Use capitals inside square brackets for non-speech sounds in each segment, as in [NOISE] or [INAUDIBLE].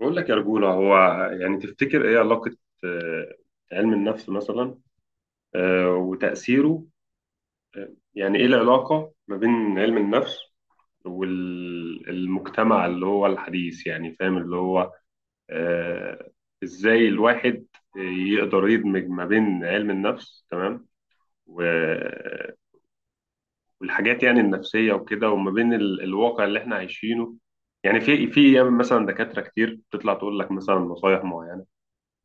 بقول لك يا رجولة. هو يعني تفتكر ايه علاقة آه، علم النفس مثلا؟ وتأثيره؟ يعني ايه العلاقة ما بين علم النفس والمجتمع اللي هو الحديث، يعني فاهم؟ اللي هو آه، ازاي الواحد يقدر يدمج ما بين علم النفس، تمام، و- والحاجات يعني النفسية وكده، وما بين الواقع اللي احنا عايشينه. يعني في مثلا دكاترة كتير بتطلع تقول لك مثلا نصايح معينة،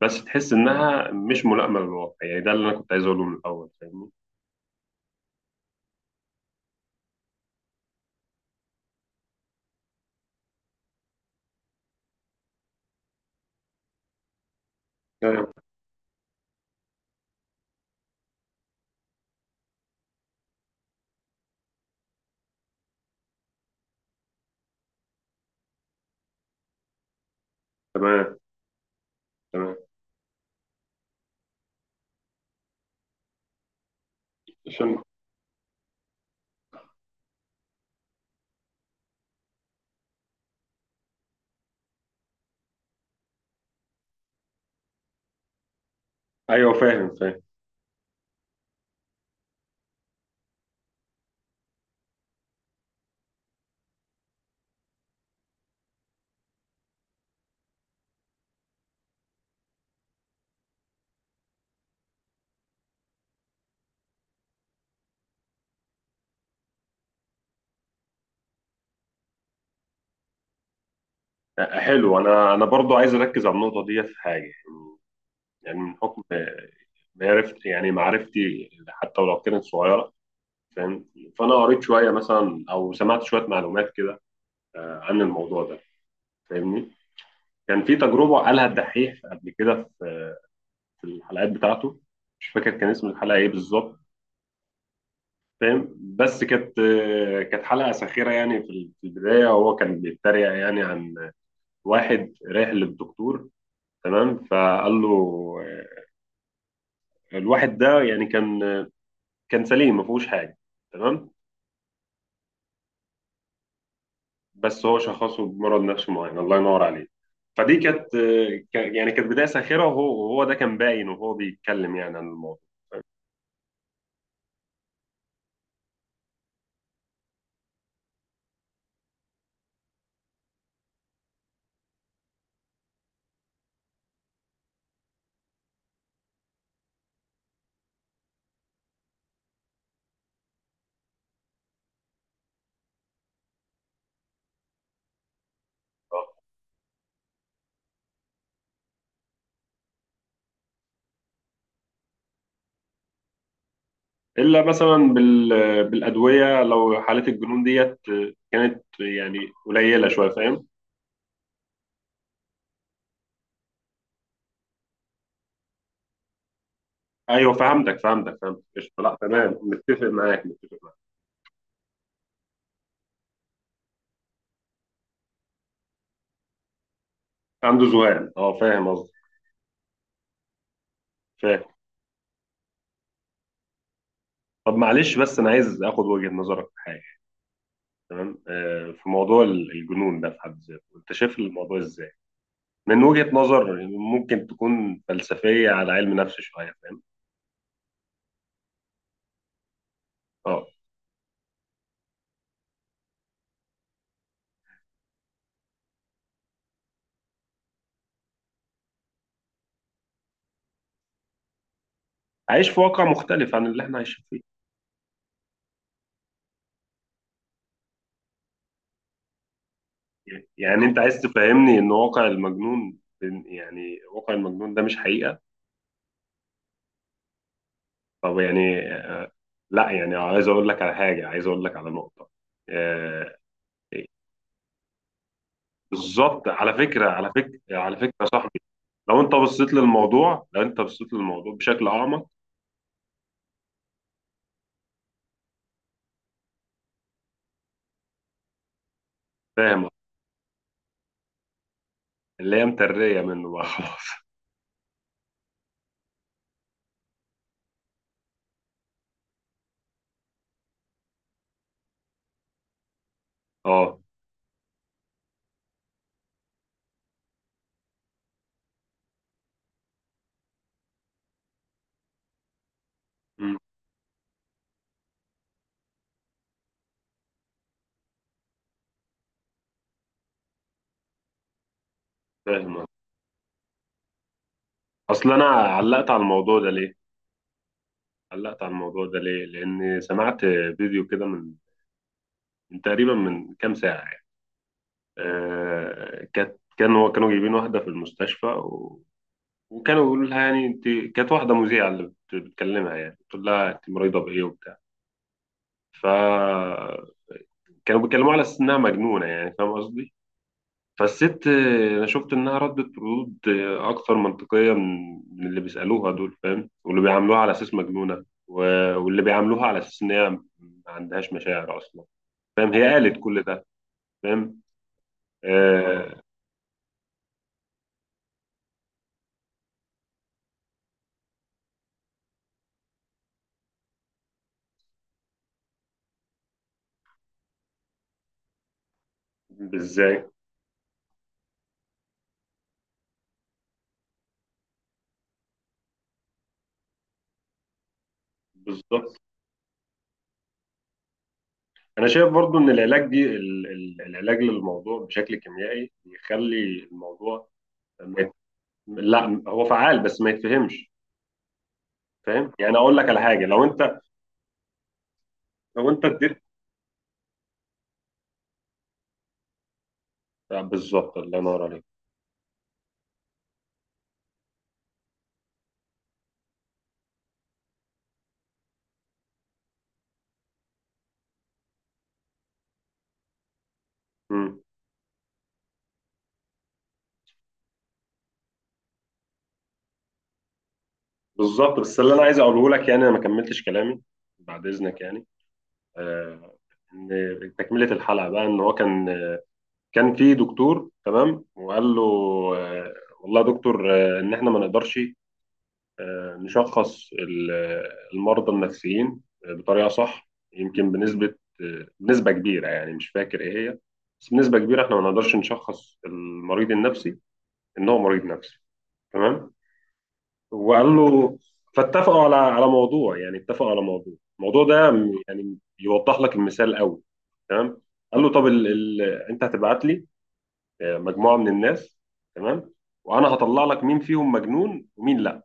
بس تحس انها مش ملائمه للواقع. يعني ده اللي انا كنت عايز اقوله من الاول، فاهمني؟ ايوه. تمام. تمام. عشان. ايوه، فاهم فاهم. حلو، انا برضو عايز اركز على النقطه دي في حاجه. يعني من حكم معرفتي، يعني معرفتي حتى ولو كانت صغيره، فاهم؟ فانا قريت شويه مثلا او سمعت شويه معلومات كده عن الموضوع ده، فاهمني؟ كان في تجربه قالها الدحيح قبل كده في في الحلقات بتاعته، مش فاكر كان اسم الحلقه ايه بالظبط، فاهم؟ بس كانت، كانت حلقه ساخره. يعني في في البدايه هو كان بيتريق يعني عن واحد رايح للدكتور، تمام، فقال له الواحد ده يعني كان، كان سليم ما فيهوش حاجه، تمام. بس هو شخصه بمرض نفسي معين، الله ينور عليه. فدي كانت، يعني كانت بدايه ساخره، وهو وهو ده كان باين وهو بيتكلم يعني عن الموضوع. الا مثلا بال، بالادويه لو حالات الجنون ديت كانت يعني قليله شويه، فاهم؟ ايوه، فهمتك فهمتك فهمتك، قشطه. لا تمام، متفق معاك متفق معاك. عنده ذهان، اه فاهم قصدي. فاهم. طب معلش، بس انا عايز اخد وجهة نظرك في حاجه. تمام، آه في موضوع الجنون ده في حد ذاته، انت شايف الموضوع ازاي؟ من وجهة نظر ممكن تكون فلسفيه على علم نفس شويه، فاهم؟ اه. عايش في واقع مختلف عن اللي احنا عايشين فيه. يعني انت عايز تفهمني ان واقع المجنون، يعني واقع المجنون ده مش حقيقه؟ طب يعني لا، يعني عايز اقول لك على حاجه، عايز اقول لك على نقطه. آه، بالظبط، على فكره على فكره على فكره يا صاحبي. لو انت بصيت للموضوع، لو انت بصيت للموضوع بشكل اعمق. فاهم. اللي هي متريه منه بقى [LAUGHS] خلاص. اه. أمم،. فاهم. اصل انا علقت على الموضوع ده ليه. علقت على الموضوع ده ليه، لان سمعت فيديو كده من، من تقريبا من كام ساعه يعني. كانت، كان هو كانوا جايبين واحده في المستشفى، وكانوا بيقولوا لها يعني انت، كانت واحده مذيعه اللي بتكلمها، يعني بتقول لها انت مريضه بايه وبتاع. فكانوا بيتكلموا على اساس انها مجنونه، يعني فاهم قصدي؟ فالست انا شفت انها ردت ردود اكثر منطقيه من من اللي بيسالوها دول، فاهم؟ واللي بيعاملوها على اساس مجنونه، واللي بيعاملوها على اساس ان هي ما عندهاش مشاعر اصلا، فاهم، هي قالت كل ده، فاهم؟ آه. ازاي؟ بالظبط. انا شايف برضو ان العلاج دي العلاج للموضوع بشكل كيميائي بيخلي الموضوع ما لا هو فعال بس ما يتفهمش، فاهم؟ يعني اقول لك على حاجه. لو انت، لو انت اديت. بالظبط، الله ينور عليك. مم. بالظبط. بس اللي انا عايز اقوله لك، يعني انا ما كملتش كلامي، بعد اذنك يعني. آه، ان تكمله الحلقه بقى، ان هو كان، كان في دكتور، تمام، وقال له آه، والله يا دكتور ان احنا ما نقدرش نشخص المرضى النفسيين بطريقة صح، يمكن بنسبة بنسبة كبيرة، يعني مش فاكر إيه هي، بس بنسبة كبيرة إحنا ما نقدرش نشخص المريض النفسي إن هو مريض نفسي، تمام. وقال له، فاتفقوا على على موضوع، يعني اتفقوا على موضوع. الموضوع ده يعني يوضح لك المثال قوي، تمام. قال له طب انت هتبعت لي مجموعة من الناس، تمام، وانا هطلع لك مين فيهم مجنون ومين لا.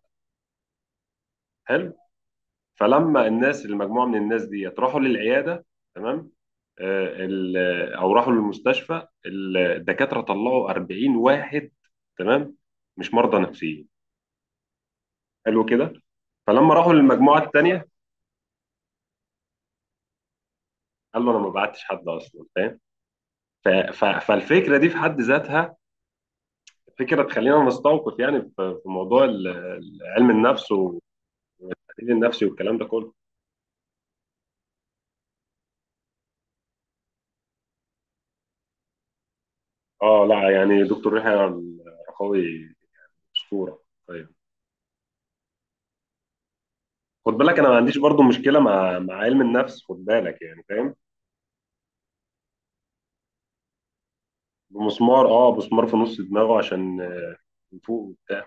حلو. فلما الناس، المجموعه من الناس ديت راحوا للعياده، تمام، او راحوا للمستشفى، الدكاتره طلعوا 40 واحد تمام مش مرضى نفسيين. حلو كده. فلما راحوا للمجموعه الثانيه، قال له انا ما بعتش حد اصلا، فاهم؟ فالفكره دي في حد ذاتها فكره تخلينا نستوقف يعني في في موضوع علم النفس والتحليل النفسي والكلام ده كله. اه لا، يعني دكتور يحيى الرخاوي اسطوره. طيب. خد بالك انا ما عنديش برضو مشكله مع مع علم النفس، خد بالك يعني، فاهم؟ بمسمار، اه مسمار في نص دماغه عشان يفوق وبتاع.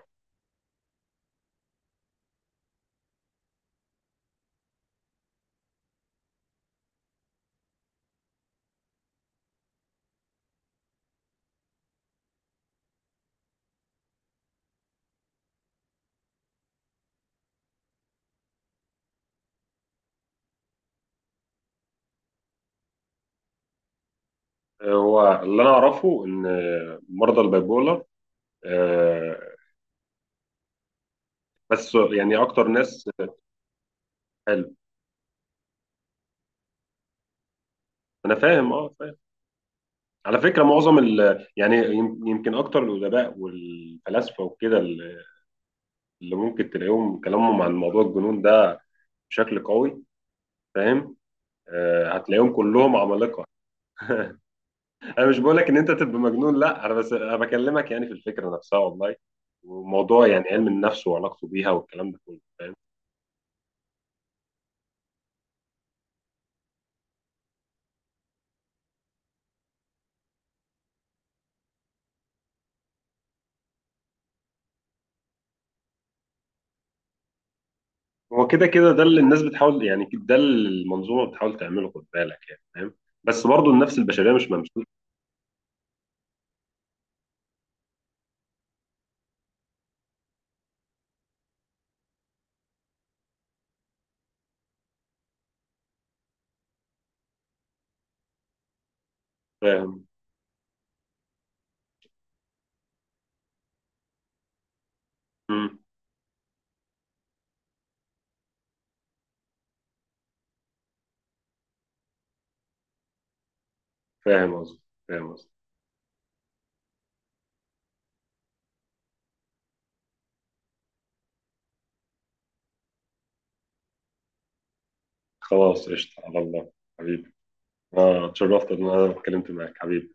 هو اللي انا اعرفه ان مرضى البايبولر آه، بس يعني اكتر ناس. حلو. انا فاهم، اه فاهم. على فكره معظم ال يعني، يمكن اكتر الادباء والفلاسفه وكده اللي، اللي ممكن تلاقيهم كلامهم عن موضوع الجنون ده بشكل قوي، فاهم؟ هتلاقيهم كلهم عمالقه. انا مش بقولك ان انت تبقى مجنون، لا، انا بس انا بكلمك يعني في الفكره نفسها والله، وموضوع يعني علم النفس وعلاقته بيها والكلام ده كله، فاهم؟ هو كده كده ده اللي الناس بتحاول، يعني ده اللي المنظومه بتحاول تعمله، خد بالك يعني، فاهم؟ بس برضه النفس البشريه مش ممسوسه. فاهم. مم. فاهم قصدي، فاهم قصدي. خلاص قشطه، على الله. حبيبي. اه، اتشرفت ان انا اتكلمت معاك حبيبي.